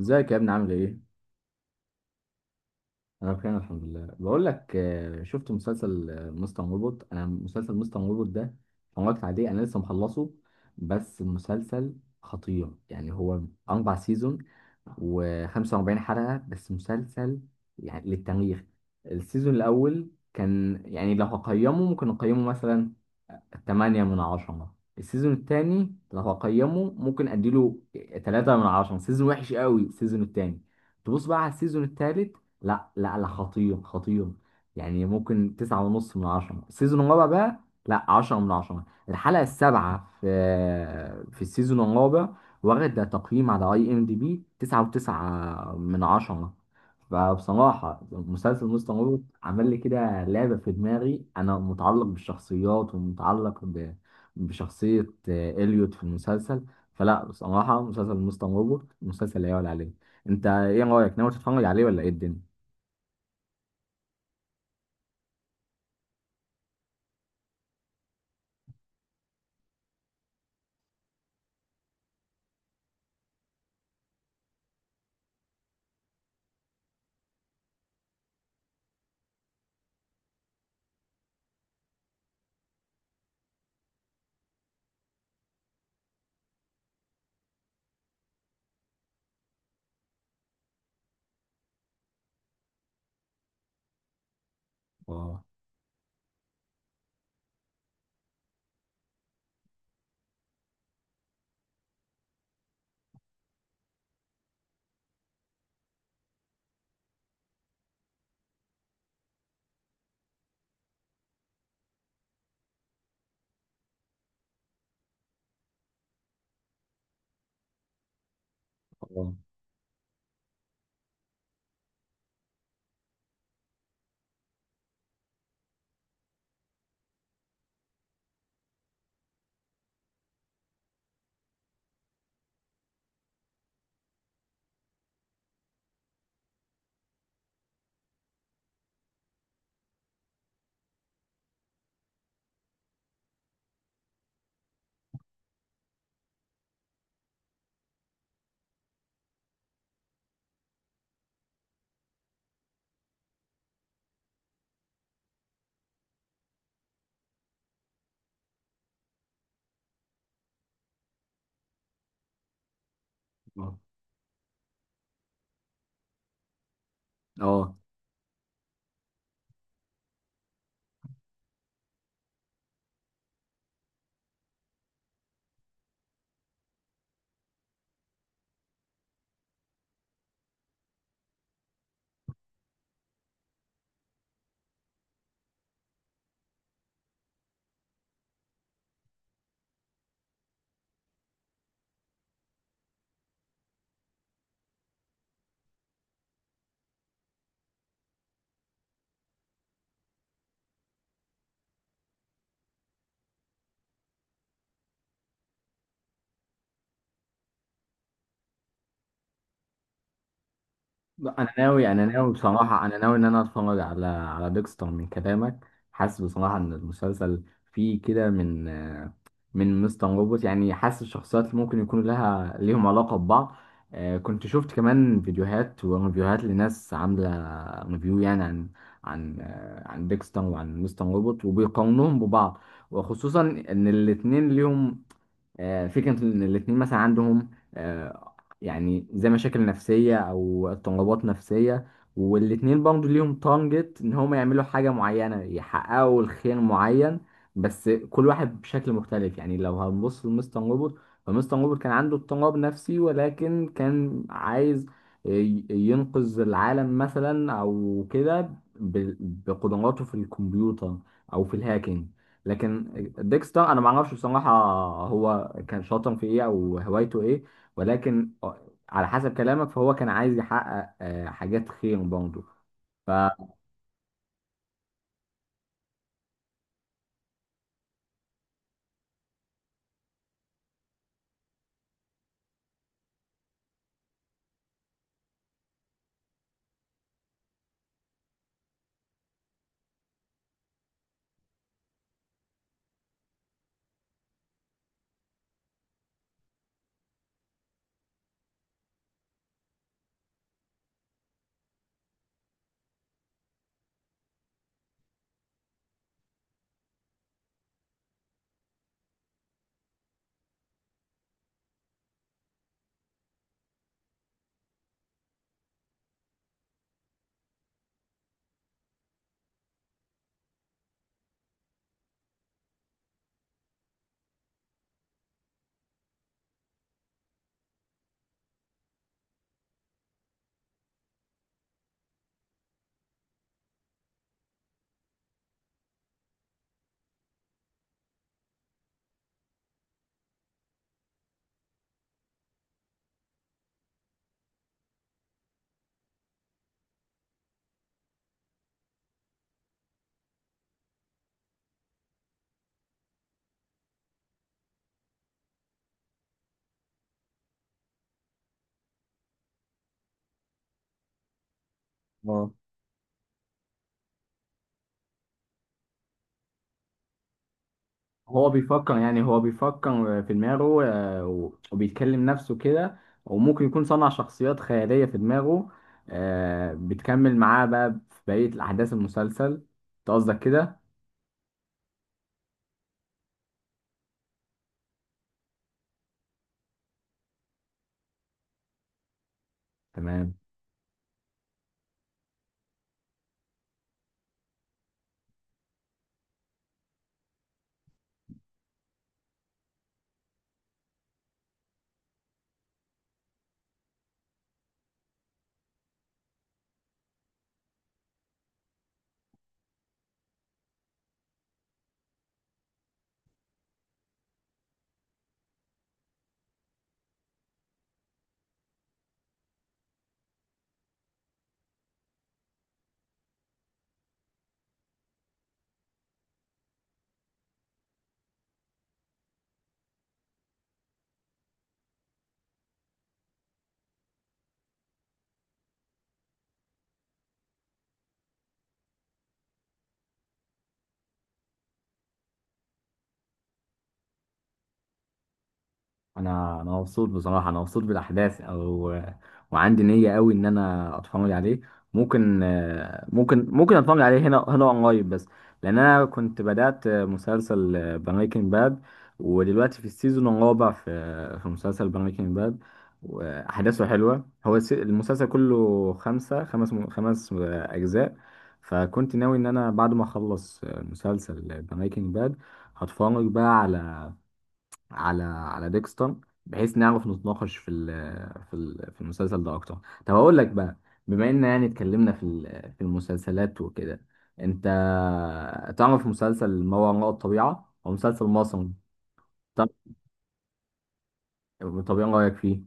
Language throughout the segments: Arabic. ازيك يا ابني عامل ايه؟ انا بخير الحمد لله بقول لك شفت مسلسل مستر مربوط. انا مسلسل مستر مربوط ده اتفرجت عليه. انا لسه مخلصه، بس المسلسل خطير يعني. هو اربع سيزون و45 حلقه، بس مسلسل يعني للتاريخ. السيزون الاول كان، يعني لو هقيمه ممكن اقيمه مثلا 8 من 10. السيزون الثاني لو هقيمه ممكن اديله 3 من 10، سيزون وحش قوي السيزون الثاني. تبص بقى على السيزون الثالث، لا لا لا، خطير خطير، يعني ممكن 9.5 من 10. السيزون الرابع بقى، لا 10 من 10. الحلقة السابعة في السيزون الرابع، واخدة تقييم على IMDB 9.9 من 10. فبصراحة مسلسل مستر روبوت عمل لي كده لعبة في دماغي. أنا متعلق بالشخصيات ومتعلق بشخصية إليوت في المسلسل. فلا بصراحة، مسلسل مستر روبوت مسلسل لا يعلى عليه. انت ايه رايك، ناوي تتفرج عليه ولا ايه الدنيا؟ اه، اه، اه، اه. لا، انا ناوي بصراحه، انا ناوي ان انا اتفرج على ديكستر. من كلامك حاسس بصراحه ان المسلسل فيه كده من من مستر روبوت، يعني حاسس الشخصيات اللي ممكن يكون لها ليهم علاقه ببعض. كنت شفت كمان فيديوهات وريفيوهات لناس عامله ريفيو، يعني عن عن ديكستر وعن مستر روبوت وبيقارنوهم ببعض. وخصوصا ان الاتنين ليهم فكرة، إن الاتنين مثلا عندهم يعني زي مشاكل نفسية أو اضطرابات نفسية. والاتنين برضه ليهم تارجت إن هما يعملوا حاجة معينة، يحققوا الخير معين، بس كل واحد بشكل مختلف. يعني لو هنبص لمستر روبوت، فمستر روبوت كان عنده اضطراب نفسي، ولكن كان عايز ينقذ العالم مثلا أو كده ب- بقدراته في الكمبيوتر أو في الهاكينج. لكن ديكس ده انا ما اعرفش بصراحه، هو كان شاطر في ايه او هوايته ايه، ولكن على حسب كلامك فهو كان عايز يحقق حاجات خير برضه. اه، هو بيفكر، يعني هو بيفكر في دماغه وبيتكلم نفسه كده، وممكن يكون صنع شخصيات خيالية في دماغه بتكمل معاه بقى في بقية الأحداث المسلسل. أنت قصدك كده؟ تمام. انا مبسوط بصراحه، انا مبسوط بالاحداث، او وعندي نيه قوي ان انا اتفرج عليه. ممكن ممكن اتفرج عليه هنا قريب، بس لان انا كنت بدات مسلسل بريكنج باد، ودلوقتي في السيزون الرابع في مسلسل بريكنج باد، واحداثه حلوه. هو المسلسل كله خمسه خمس خمس اجزاء. فكنت ناوي ان انا بعد ما اخلص مسلسل بريكنج باد هتفرج بقى على على ديكستون، بحيث نعرف نتناقش في ال في ال في المسلسل ده اكتر. طب اقول لك بقى، بما ان يعني اتكلمنا في المسلسلات وكده، انت تعرف مسلسل ما وراء الطبيعة؟ هو مسلسل مصري. طب، ايه رايك فيه؟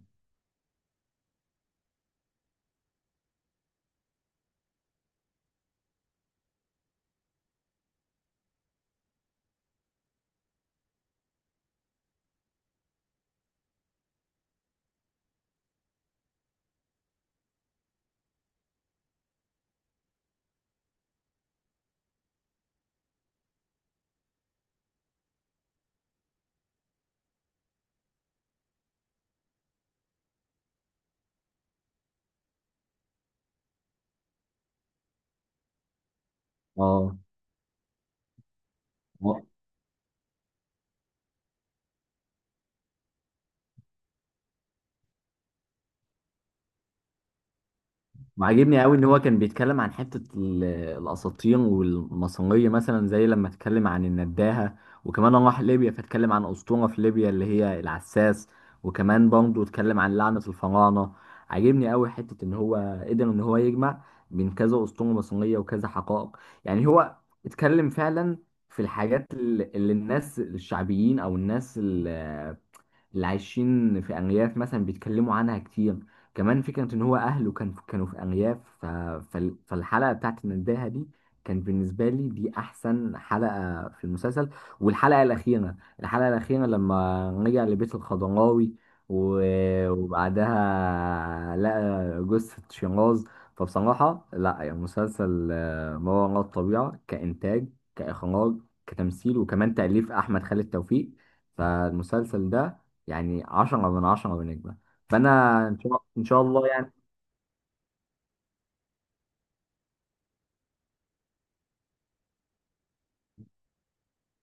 اه، وعاجبني قوي ان هو كان بيتكلم عن حته الاساطين والماسونيه، مثلا زي لما اتكلم عن النداهه. وكمان راح ليبيا فاتكلم عن اسطوره في ليبيا اللي هي العساس. وكمان برضه اتكلم عن لعنه الفراعنه. عاجبني قوي حته ان هو قدر ان هو يجمع بين كذا اسطوره ماسونيه وكذا حقائق. يعني هو اتكلم فعلا في الحاجات اللي الناس الشعبيين او الناس اللي عايشين في أرياف مثلا بيتكلموا عنها كتير. كمان فكرة إن هو أهله كان كانوا في أرياف، فالحلقة بتاعت نداها دي، كان بالنسبة لي دي أحسن حلقة في المسلسل. والحلقة الأخيرة، الحلقة الأخيرة لما رجع لبيت الخضراوي وبعدها لقى جثة شيراز. فبصراحة لا، يعني مسلسل ما وراء الطبيعة، كإنتاج كإخراج كتمثيل وكمان تأليف أحمد خالد توفيق، فالمسلسل ده يعني 10 من 10 بنجمة. فأنا إن شاء الله يعني.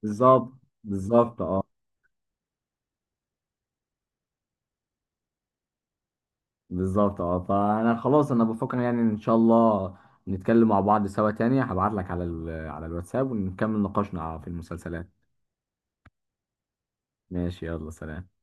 بالظبط، بالظبط أه، بالظبط أه. فأنا خلاص أنا بفكر يعني، إن شاء الله نتكلم مع بعض سوا تاني، هبعت لك على على الواتساب ونكمل نقاشنا في المسلسلات. ماشي، يلا سلام.